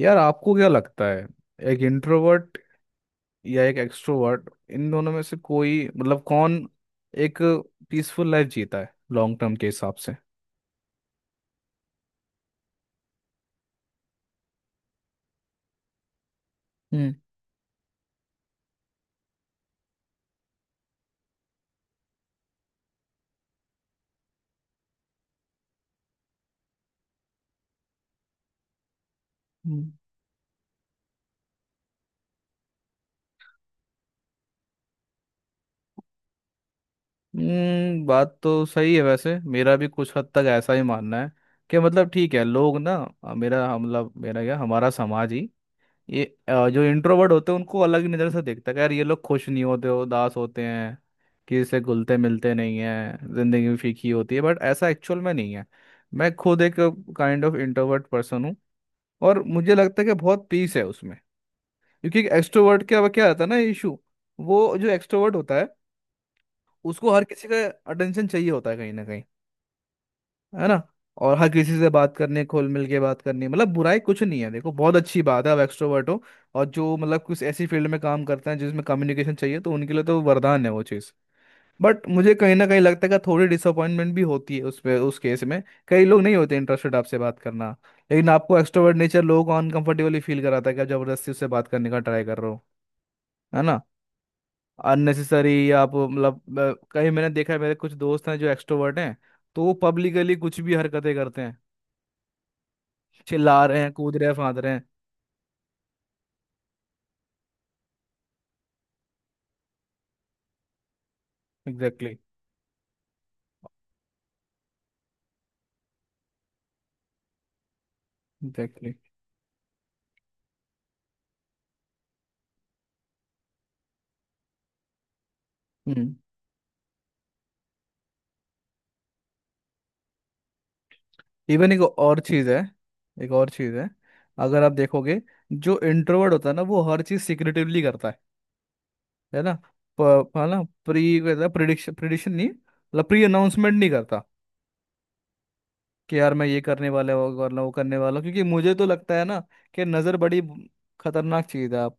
यार, आपको क्या लगता है, एक इंट्रोवर्ट या एक एक्सट्रोवर्ट, इन दोनों में से कोई मतलब कौन एक पीसफुल लाइफ जीता है लॉन्ग टर्म के हिसाब से? हम्म। हम्म। हम्म। बात तो सही है, वैसे मेरा भी कुछ हद तक ऐसा ही मानना है कि मतलब ठीक है। लोग ना, मेरा मतलब मेरा क्या हमारा समाज ही ये जो इंट्रोवर्ट होते हैं उनको अलग ही नज़र से देखता है कि यार, ये लोग खुश नहीं होते, हो उदास होते हैं, किसी से घुलते मिलते नहीं है, ज़िंदगी में फीकी होती है, बट ऐसा एक्चुअल में नहीं है। मैं खुद एक काइंड ऑफ इंट्रोवर्ट पर्सन हूँ, और मुझे लगता है कि बहुत पीस है उसमें, क्योंकि एक्सट्रोवर्ट क्या क्या आता है ना इशू। वो जो एक्सट्रोवर्ट होता है उसको हर किसी का अटेंशन चाहिए होता है कहीं ना कहीं, है ना? और हर किसी से बात करने खोल मिल के बात करनी मतलब बुराई कुछ नहीं है, देखो बहुत अच्छी बात है आप एक्सट्रोवर्ट हो। और जो मतलब कुछ ऐसी फील्ड में काम करते हैं जिसमें कम्युनिकेशन चाहिए तो उनके लिए तो वरदान है वो चीज़। बट मुझे कहीं ना कहीं लगता है कि थोड़ी डिसअपॉइंटमेंट भी होती है उस पे, उस केस में कई लोग नहीं होते इंटरेस्टेड आपसे बात करना। लेकिन आपको एक्सट्रोवर्ट नेचर लोगों को अनकंफर्टेबली फील कराता है कि आप जबरदस्ती उससे बात करने का ट्राई कर रहे हो, है ना? अननेसेसरी आप मतलब कहीं मैंने देखा है, मेरे कुछ दोस्त हैं जो एक्सट्रोवर्ट हैं तो वो पब्लिकली कुछ भी हरकतें करते हैं, चिल्ला रहे हैं, कूद रहे हैं, फांद रहे हैं। एग्जैक्टली। एग्जैक्टली। हम्म। इवन एक और चीज़ है, एक और चीज़ है, अगर आप देखोगे, जो इंट्रोवर्ट होता है ना वो हर चीज़ सिक्रेटिवली करता है ना? है ना प्री प्रिडिक्शन प्रिडिक्शन नहीं, मतलब प्री अनाउंसमेंट नहीं करता कि यार मैं ये करने वाला हूँ वरना वो करने वाला हूँ, क्योंकि मुझे तो लगता है ना कि नज़र बड़ी खतरनाक चीज़ है आप।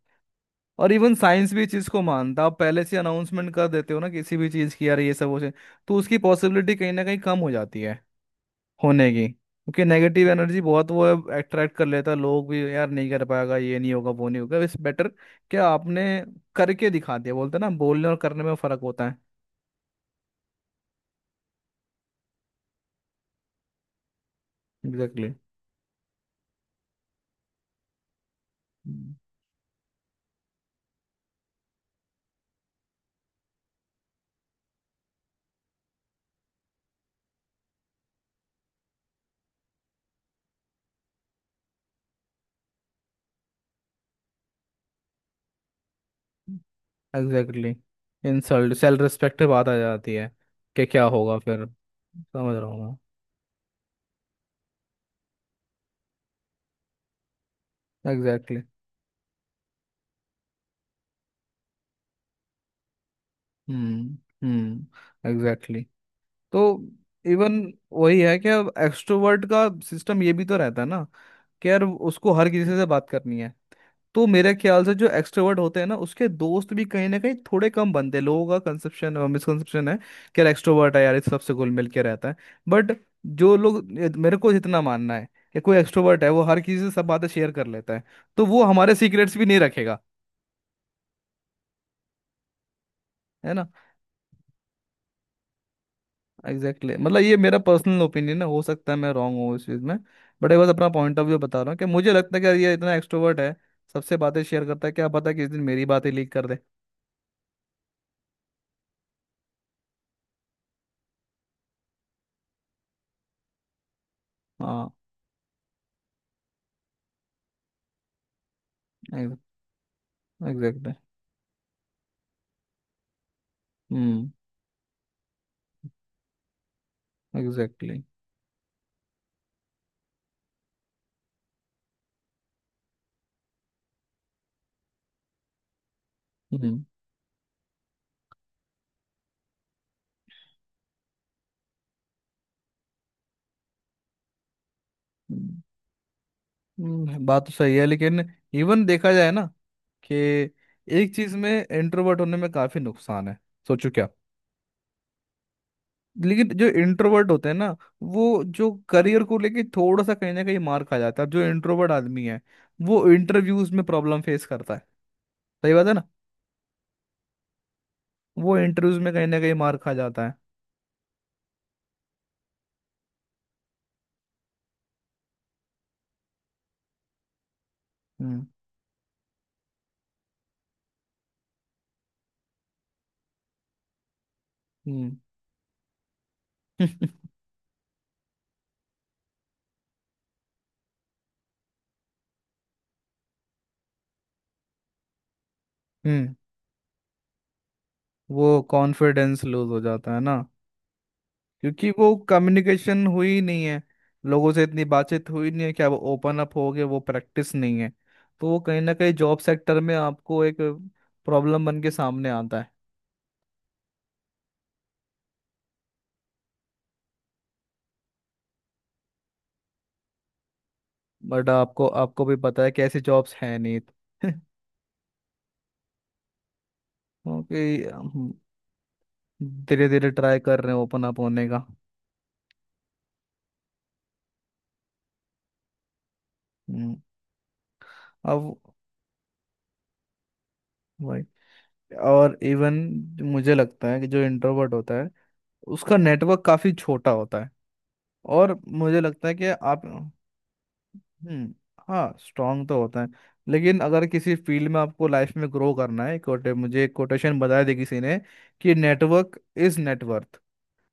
और इवन साइंस भी इस चीज़ को मानता है, आप पहले से अनाउंसमेंट कर देते हो ना किसी भी चीज़ की, यार ये सब हो जाए तो उसकी पॉसिबिलिटी कहीं ना कहीं कम हो जाती है होने की, क्योंकि नेगेटिव एनर्जी बहुत वो अट्रैक्ट कर लेता है। लोग भी, यार नहीं कर पाएगा, ये नहीं होगा, वो नहीं होगा, इस बेटर क्या आपने करके दिखा दिया, बोलते हैं ना बोलने और करने में फर्क होता है। Exactly. Exactly. Insult, self respect बात आ जाती है कि क्या होगा फिर। समझ रहा हूँ। मैं एग्जैक्टली। हम्म। हम्म। एग्जैक्टली। तो इवन वही है कि अब एक्सट्रोवर्ट का सिस्टम ये भी तो रहता है ना कि यार उसको हर किसी से बात करनी है, तो मेरे ख्याल से जो एक्सट्रोवर्ट होते हैं ना उसके दोस्त भी कहीं ना कहीं थोड़े कम बनते हैं। लोगों का कंसेप्शन मिसकंसेप्शन है कि यार एक्सट्रोवर्ट है यार इस सबसे घुल मिल के रहता है, बट जो लोग मेरे को जितना मानना है कि कोई एक्सट्रोवर्ट है वो हर किसी से सब बातें शेयर कर लेता है तो वो हमारे सीक्रेट्स भी नहीं रखेगा, है ना? Exactly, exactly। मतलब ये मेरा पर्सनल ओपिनियन है, हो सकता है मैं रॉन्ग हूँ इस चीज़ में, बट एक बार अपना पॉइंट ऑफ व्यू बता रहा हूँ कि मुझे लगता है कि यार ये इतना एक्सट्रोवर्ट है, सबसे बातें शेयर करता है, क्या पता किसी दिन मेरी बातें लीक कर दे। हाँ। Exactly. Hmm. Exactly. Hmm. Hmm. Hmm. बात तो सही है, लेकिन इवन देखा जाए ना कि एक चीज में इंट्रोवर्ट होने में काफी नुकसान है। सोचो क्या। लेकिन जो इंट्रोवर्ट होते हैं ना वो जो करियर को लेके थोड़ा सा कहीं ना कहीं मार खा जाता है, अब जो इंट्रोवर्ट आदमी है वो इंटरव्यूज में प्रॉब्लम फेस करता है, सही बात है ना? वो इंटरव्यूज में कहीं ना कहीं मार खा जाता है। हम्म। हम्म। हम्म। वो कॉन्फिडेंस लूज हो जाता है ना, क्योंकि वो कम्युनिकेशन हुई ही नहीं है, लोगों से इतनी बातचीत हुई नहीं है, क्या वो ओपन अप हो गए, वो प्रैक्टिस नहीं है, तो वो कहीं ना कहीं जॉब सेक्टर में आपको एक प्रॉब्लम बन के सामने आता है। बट आपको आपको भी पता है कि ऐसी जॉब्स हैं नहीं। क्योंकि हम धीरे धीरे ट्राई कर रहे हैं ओपन अप होने का। हम्म। अब वही। और इवन मुझे लगता है कि जो इंट्रोवर्ट होता है उसका नेटवर्क काफ़ी छोटा होता है, और मुझे लगता है कि आप हम्म हाँ स्ट्रांग तो होता है, लेकिन अगर किसी फील्ड में आपको लाइफ में ग्रो करना है, कोटे, मुझे एक कोटेशन बताया थी किसी ने कि नेटवर्क इज नेटवर्थ।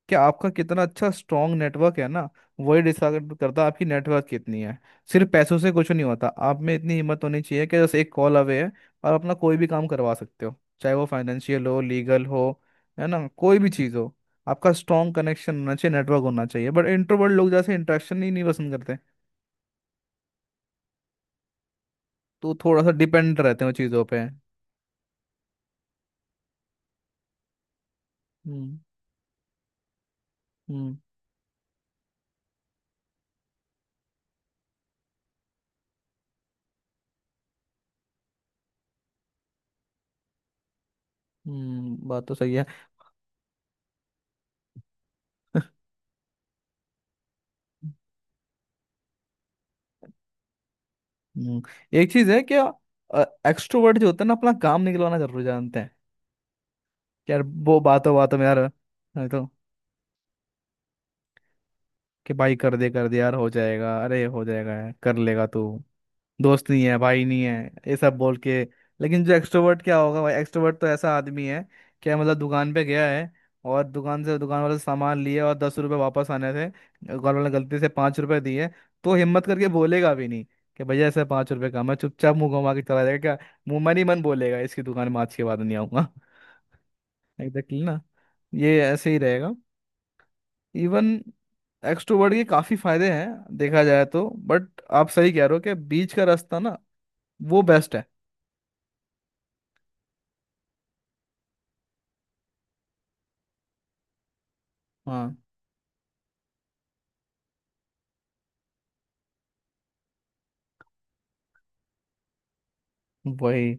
क्या आपका कितना अच्छा स्ट्रांग नेटवर्क है ना, वही डिसाइड करता है आपकी नेटवर्क कितनी है। सिर्फ पैसों से कुछ नहीं होता, आप में इतनी हिम्मत होनी चाहिए कि बस एक कॉल अवे है और अपना कोई भी काम करवा सकते हो, चाहे वो फाइनेंशियल हो लीगल हो, है ना, कोई भी चीज़ हो, आपका स्ट्रांग कनेक्शन होना चाहिए, नेटवर्क होना चाहिए। बट इंट्रोवर्ट लोग जैसे इंट्रैक्शन ही नहीं पसंद करते, तो थोड़ा सा डिपेंड रहते हैं चीज़ों पे। हम्म। हम्म। हम्म। बात तो सही है। हम्म। एक चीज़ है क्या, एक्सट्रोवर्ट जो होते हैं ना अपना काम निकलवाना जरूर जानते हैं, कि यार वो बातों बातों में यार, नहीं तो कि भाई कर दे यार हो जाएगा, अरे हो जाएगा यार, कर लेगा तू, दोस्त नहीं है भाई नहीं है, ये सब बोल के। लेकिन जो एक्सट्रोवर्ट क्या होगा भाई, एक्सट्रोवर्ट तो ऐसा आदमी है, क्या मतलब दुकान पे गया है और दुकान से दुकान वाले से सामान लिए, और 10 रुपए वापस आने थे, दुकान वाले ने गलती से 5 रुपए दिए तो हिम्मत करके बोलेगा भी नहीं कि भैया ऐसे 5 रुपए का, मैं चुपचाप मुंह घुमा के चला जाएगा क्या, मुंह मन ही मन बोलेगा इसकी दुकान में आज के बाद नहीं आऊंगा। एग्जैक्टली ना, ये ऐसे ही रहेगा। इवन एक्सट्रोवर्ट के काफी फायदे हैं देखा जाए तो, बट आप सही कह रहे हो कि बीच का रास्ता ना वो बेस्ट है। हाँ। वही।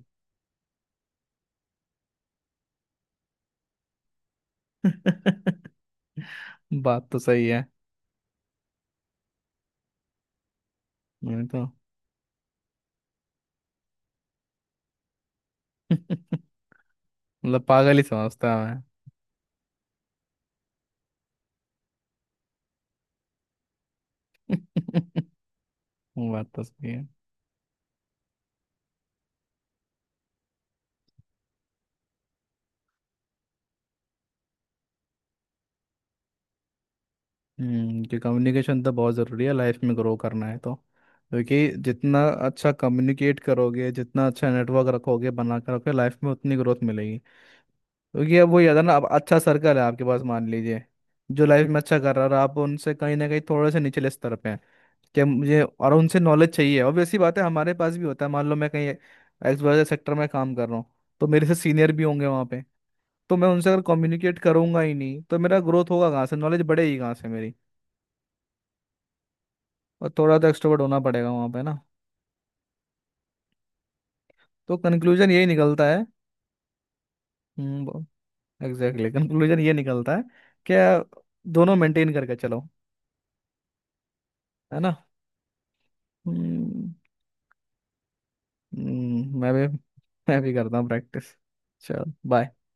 बात तो सही है। मैं तो मतलब पागल ही समझता है। मैं बात तो सही है। हम्म, कि कम्युनिकेशन तो बहुत ज़रूरी है, लाइफ में ग्रो करना है तो, क्योंकि जितना अच्छा कम्युनिकेट करोगे, जितना अच्छा नेटवर्क रखोगे बना कर रखोगे, लाइफ में उतनी ग्रोथ मिलेगी। क्योंकि अब वही है ना, अब अच्छा सर्कल है आपके पास मान लीजिए जो लाइफ में अच्छा कर रहा है, और आप उनसे कहीं ना कहीं थोड़े से निचले स्तर पे हैं, क्या मुझे और उनसे नॉलेज चाहिए, ऑब्वियस सी बात है। हमारे पास भी होता है, मान लो मैं कहीं XY सेक्टर में काम कर रहा हूँ तो मेरे से सीनियर भी होंगे वहाँ पे, तो मैं उनसे अगर कम्युनिकेट करूंगा ही नहीं तो मेरा ग्रोथ होगा कहाँ से, नॉलेज बढ़ेगी कहाँ से मेरी, और थोड़ा तो एक्सट्रोवर्ट होना पड़ेगा वहाँ पे ना। तो कंक्लूजन यही निकलता है। हम्म। एग्जैक्टली, कंक्लूजन ये निकलता है कि दोनों मेंटेन करके चलो, है ना? हम्म। मैं भी। मैं भी करता हूँ प्रैक्टिस। चल बाय।